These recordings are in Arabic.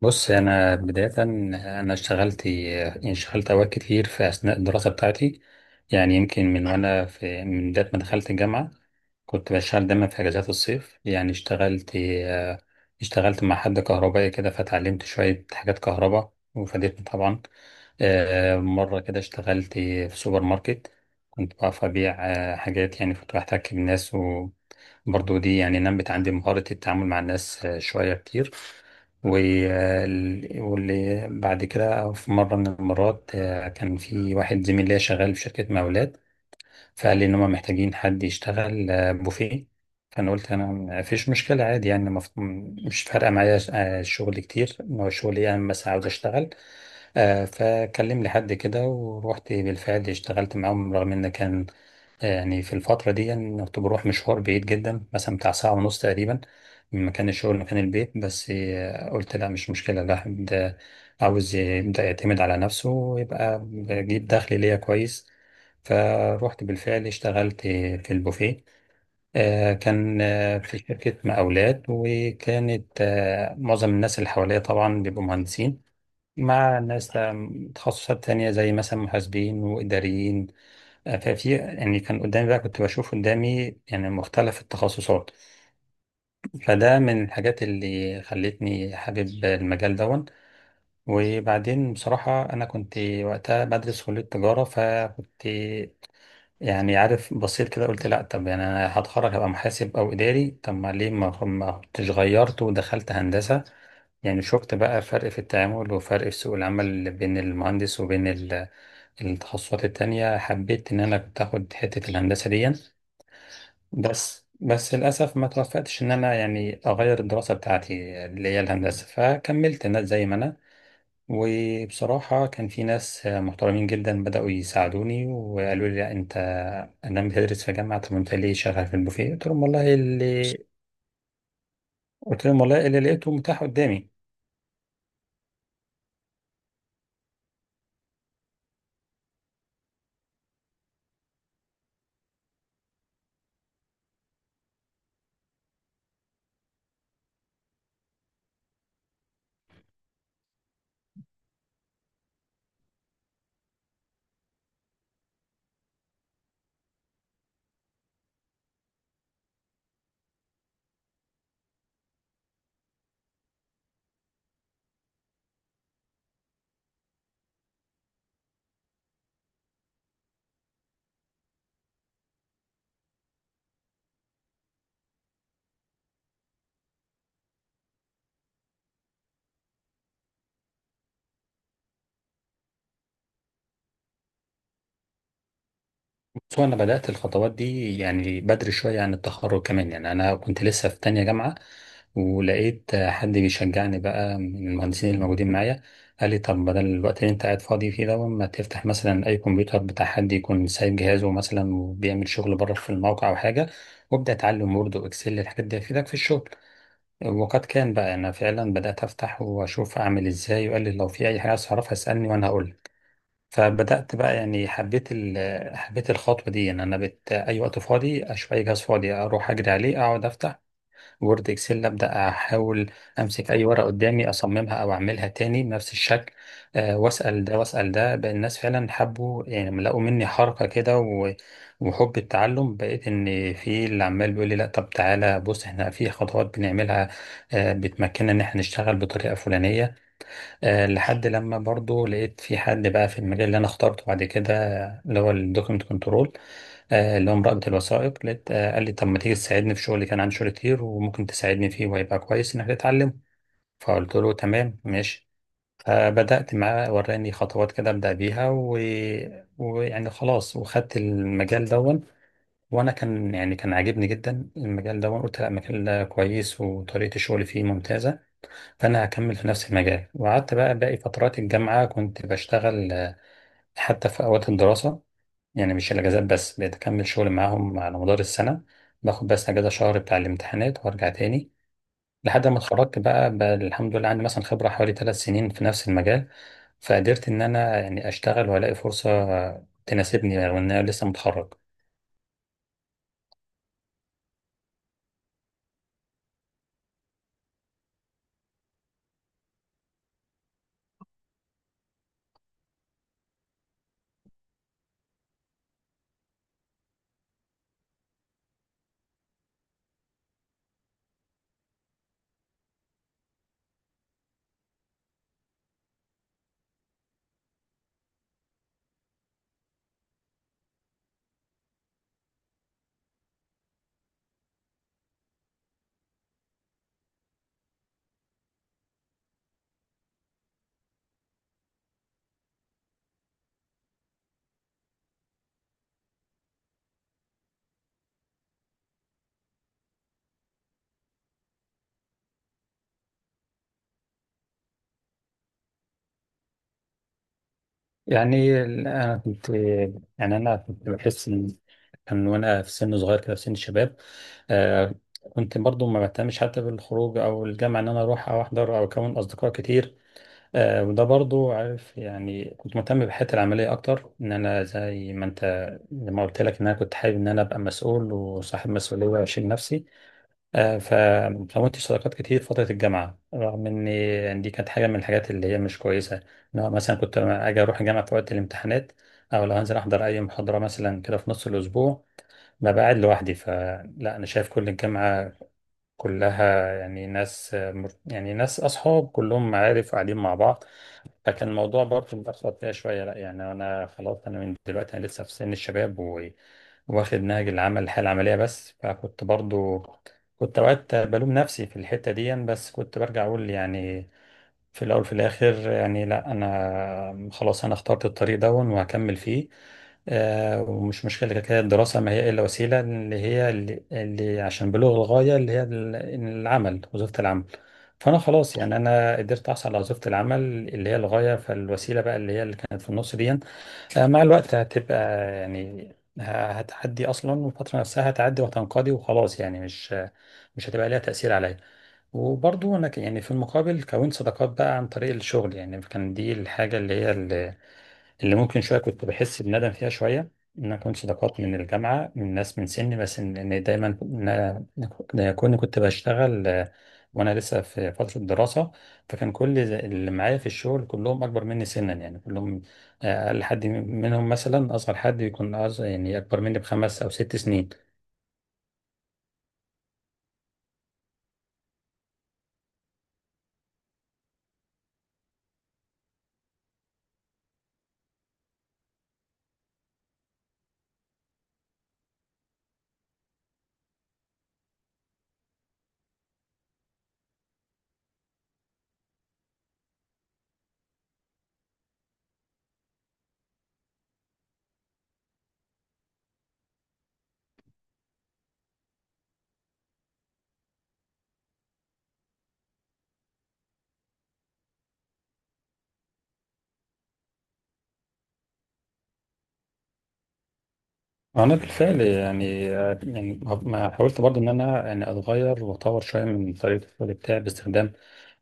بص، أنا بداية اشتغلت أوقات كتير في أثناء الدراسة بتاعتي. يعني يمكن من وأنا في من بداية ما دخلت الجامعة كنت بشتغل دايما في أجازات الصيف. يعني اشتغلت مع حد كهربائي كده فتعلمت شوية حاجات كهرباء وفادتني طبعا. مرة كده اشتغلت في سوبر ماركت، كنت بعرف أبيع حاجات، يعني كنت بحتك بالناس، وبرضو دي يعني نمت عندي مهارة التعامل مع الناس شوية كتير. واللي بعد كده في مرة من المرات كان في واحد زميل ليا شغال في شركة مقاولات، فقال لي إن هما محتاجين حد يشتغل بوفيه. فأنا قلت أنا مفيش مشكلة عادي، يعني مش فارقة معايا الشغل كتير، إن هو الشغل يعني بس عاوز أشتغل. فكلم لي حد كده ورحت بالفعل اشتغلت معاهم، رغم ان كان يعني في الفترة دي يعني كنت بروح مشوار بعيد جدا، مثلا بتاع ساعة ونص تقريبا من مكان الشغل لمكان البيت. بس قلت لا مش مشكلة، الواحد عاوز يبدأ يعتمد على نفسه ويبقى بجيب دخل ليا كويس. فروحت بالفعل اشتغلت في البوفيه. كان في شركة مقاولات، وكانت معظم الناس اللي حواليا طبعا بيبقوا مهندسين، مع ناس تخصصات تانية زي مثلا محاسبين وإداريين. ففي يعني كان قدامي، بقى كنت بشوف قدامي يعني مختلف التخصصات، فده من الحاجات اللي خلتني حابب المجال دون. وبعدين بصراحة أنا كنت وقتها بدرس كلية تجارة، فكنت يعني عارف بصيت كده قلت لأ، طب يعني أنا هتخرج هبقى محاسب أو إداري، طب ما ليه ما كنتش غيرت ودخلت هندسة. يعني شفت بقى فرق في التعامل وفرق في سوق العمل بين المهندس وبين التخصصات التانية، حبيت إن أنا كنت آخد حتة الهندسة دي. بس للأسف ما توفقتش إن أنا يعني أغير الدراسة بتاعتي اللي هي الهندسة، فكملت الناس زي ما أنا. وبصراحة كان في ناس محترمين جدا بدأوا يساعدوني وقالوا لي لا أنت أنا بتدرس في جامعة، طب أنت ليه شغال في البوفيه؟ قلت لهم والله اللي لقيته متاح قدامي. بس هو انا بدات الخطوات دي يعني بدري شويه عن التخرج كمان. يعني انا كنت لسه في تانية جامعه، ولقيت حد بيشجعني بقى من المهندسين الموجودين معايا، قال لي طب بدل الوقت اللي انت قاعد فاضي فيه ده، ما تفتح مثلا اي كمبيوتر بتاع حد يكون سايب جهازه مثلا وبيعمل شغل بره في الموقع او حاجه، وابدا اتعلم وورد واكسل، الحاجات دي هتفيدك في الشغل. وقد كان بقى، انا فعلا بدات افتح واشوف اعمل ازاي، وقال لي لو في اي حاجه عايز اعرفها اسالني وانا هقول. فبدأت بقى، يعني حبيت حبيت الخطوة دي، ان انا اي وقت فاضي اشوف اي جهاز فاضي اروح اجري عليه، اقعد افتح وورد اكسل، ابدأ احاول امسك اي ورقة قدامي اصممها او اعملها تاني بنفس الشكل. أه، واسأل ده واسأل ده، بقى الناس فعلا حبوا، يعني لما لقوا مني حركة كده وحب التعلم، بقيت ان في اللي عمال بيقول لي لا طب تعالى بص احنا في خطوات بنعملها، أه بتمكننا ان احنا نشتغل بطريقة فلانية. لحد لما برضو لقيت في حد بقى في المجال اللي انا اخترته بعد كده، اللي هو الدوكيمنت كنترول، اللي هو مراقبة الوثائق. لقيت قال لي طب ما تيجي تساعدني في شغلي، كان عندي شغل كتير وممكن تساعدني فيه وهيبقى كويس انك تتعلم. فقلت له تمام ماشي. فبدأت معاه وراني خطوات كده أبدأ بيها ويعني خلاص وخدت المجال دون. وأنا كان يعني كان عاجبني جدا المجال دون، قلت لا مجال كويس وطريقة الشغل فيه ممتازة، فأنا هكمل في نفس المجال. وقعدت بقى باقي فترات الجامعة كنت بشتغل حتى في أوقات الدراسة، يعني مش الأجازات بس، بقيت أكمل شغل معاهم على مدار السنة، باخد بس أجازة شهر بتاع الامتحانات وأرجع تاني. لحد ما اتخرجت بقى، بقى الحمد لله عندي مثلا خبرة حوالي ثلاث سنين في نفس المجال، فقدرت إن أنا يعني أشتغل وألاقي فرصة تناسبني رغم إن أنا لسه متخرج. يعني ال- انا كنت يعني انا كنت بحس ان كان وانا في سن صغير كده في سن الشباب. آه، كنت برضو ما بهتمش حتى بالخروج او الجامعه ان انا اروح او احضر او اكون اصدقاء كتير. آه، وده برضو عارف، يعني كنت مهتم بحياتي العمليه اكتر، ان انا زي ما انت لما قلت لك ان انا كنت حابب ان انا ابقى مسؤول وصاحب مسؤوليه واشيل نفسي. فكونت صداقات كتير في فترة الجامعة، رغم إن دي كانت حاجة من الحاجات اللي هي مش كويسة. إن هو مثلا كنت لما أجي أروح الجامعة في وقت الامتحانات أو لو هنزل أحضر أي محاضرة مثلا كده في نص الأسبوع، ببقى قاعد لوحدي، فلا أنا شايف كل الجامعة كلها يعني ناس يعني ناس أصحاب كلهم معارف قاعدين مع بعض، لكن الموضوع برضه متأخر فيها شوية. لا يعني أنا خلاص أنا من دلوقتي أنا لسه في سن الشباب واخد نهج العمل الحياة العملية بس، فكنت برضه كنت أوقات بلوم نفسي في الحتة دي. بس كنت برجع أقول يعني في الأول في الآخر يعني لا، أنا خلاص أنا اخترت الطريق ده وهكمل فيه. ومش مشكلة، كده كده الدراسة ما هي إلا وسيلة اللي هي اللي عشان بلوغ الغاية اللي هي العمل وظيفة العمل. فأنا خلاص يعني أنا قدرت أحصل على وظيفة العمل اللي هي الغاية، فالوسيلة بقى اللي هي اللي كانت في النص دي مع الوقت هتبقى يعني ه- هتعدي أصلا، والفترة نفسها هتعدي وهتنقضي وخلاص. يعني مش هتبقى ليها تأثير عليا. وبرضه يعني في المقابل كونت صداقات بقى عن طريق الشغل، يعني كان دي الحاجه اللي هي اللي ممكن شويه كنت بحس بندم فيها شويه، ان انا كنت صداقات من الجامعه من ناس من سني. بس إن دايما إن كوني كنت بشتغل وانا لسه في فتره الدراسه، فكان كل اللي معايا في الشغل كلهم اكبر مني سنا، يعني كلهم اقل حد منهم مثلا اصغر حد يكون أصغر، يعني اكبر مني بخمس او ست سنين. انا بالفعل يعني، يعني ما حاولت برضو ان انا يعني اتغير واطور شويه من طريقه الشغل بتاعي باستخدام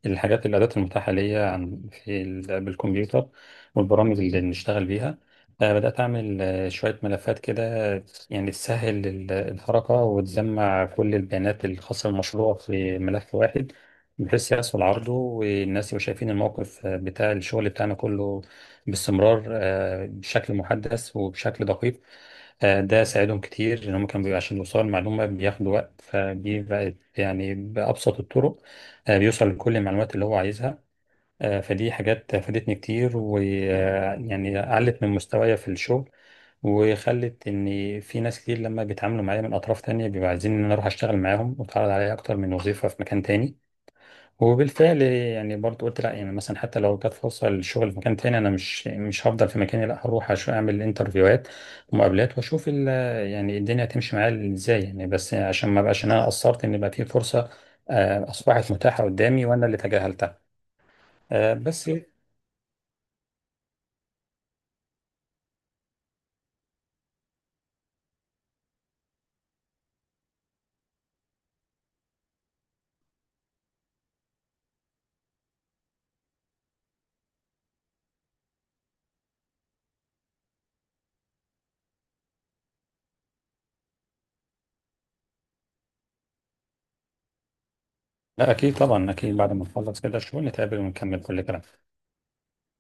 الحاجات الادوات المتاحه ليا عن بالكمبيوتر والبرامج اللي بنشتغل بيها. بدات اعمل شويه ملفات كده يعني تسهل الحركه، وتجمع كل البيانات الخاصه بالمشروع في ملف واحد، بحيث يحصل عرضه والناس يبقوا شايفين الموقف بتاع الشغل بتاعنا كله باستمرار، بشكل محدث وبشكل دقيق. ده ساعدهم كتير، ان هم كانوا بيبقى عشان يوصلوا المعلومه بياخدوا وقت، فدي بقت يعني بابسط الطرق بيوصل لكل المعلومات اللي هو عايزها. فدي حاجات فادتني كتير، ويعني علت من مستوايا في الشغل، وخلت ان في ناس كتير لما بيتعاملوا معايا من اطراف تانية بيبقوا عايزين ان انا اروح اشتغل معاهم، واتعرض عليا اكتر من وظيفه في مكان تاني. وبالفعل يعني برضو قلت لا، يعني مثلا حتى لو جت فرصه للشغل في مكان تاني انا مش هفضل في مكاني، لا هروح اعمل انترفيوهات ومقابلات واشوف يعني الدنيا هتمشي معايا ازاي، يعني بس عشان ما بقاش إن انا قصرت ان بقى في فرصه اصبحت متاحه قدامي وانا اللي تجاهلتها. بس لا اكيد طبعا اكيد بعد ما نخلص كده الشغل نتقابل ونكمل كل كلام.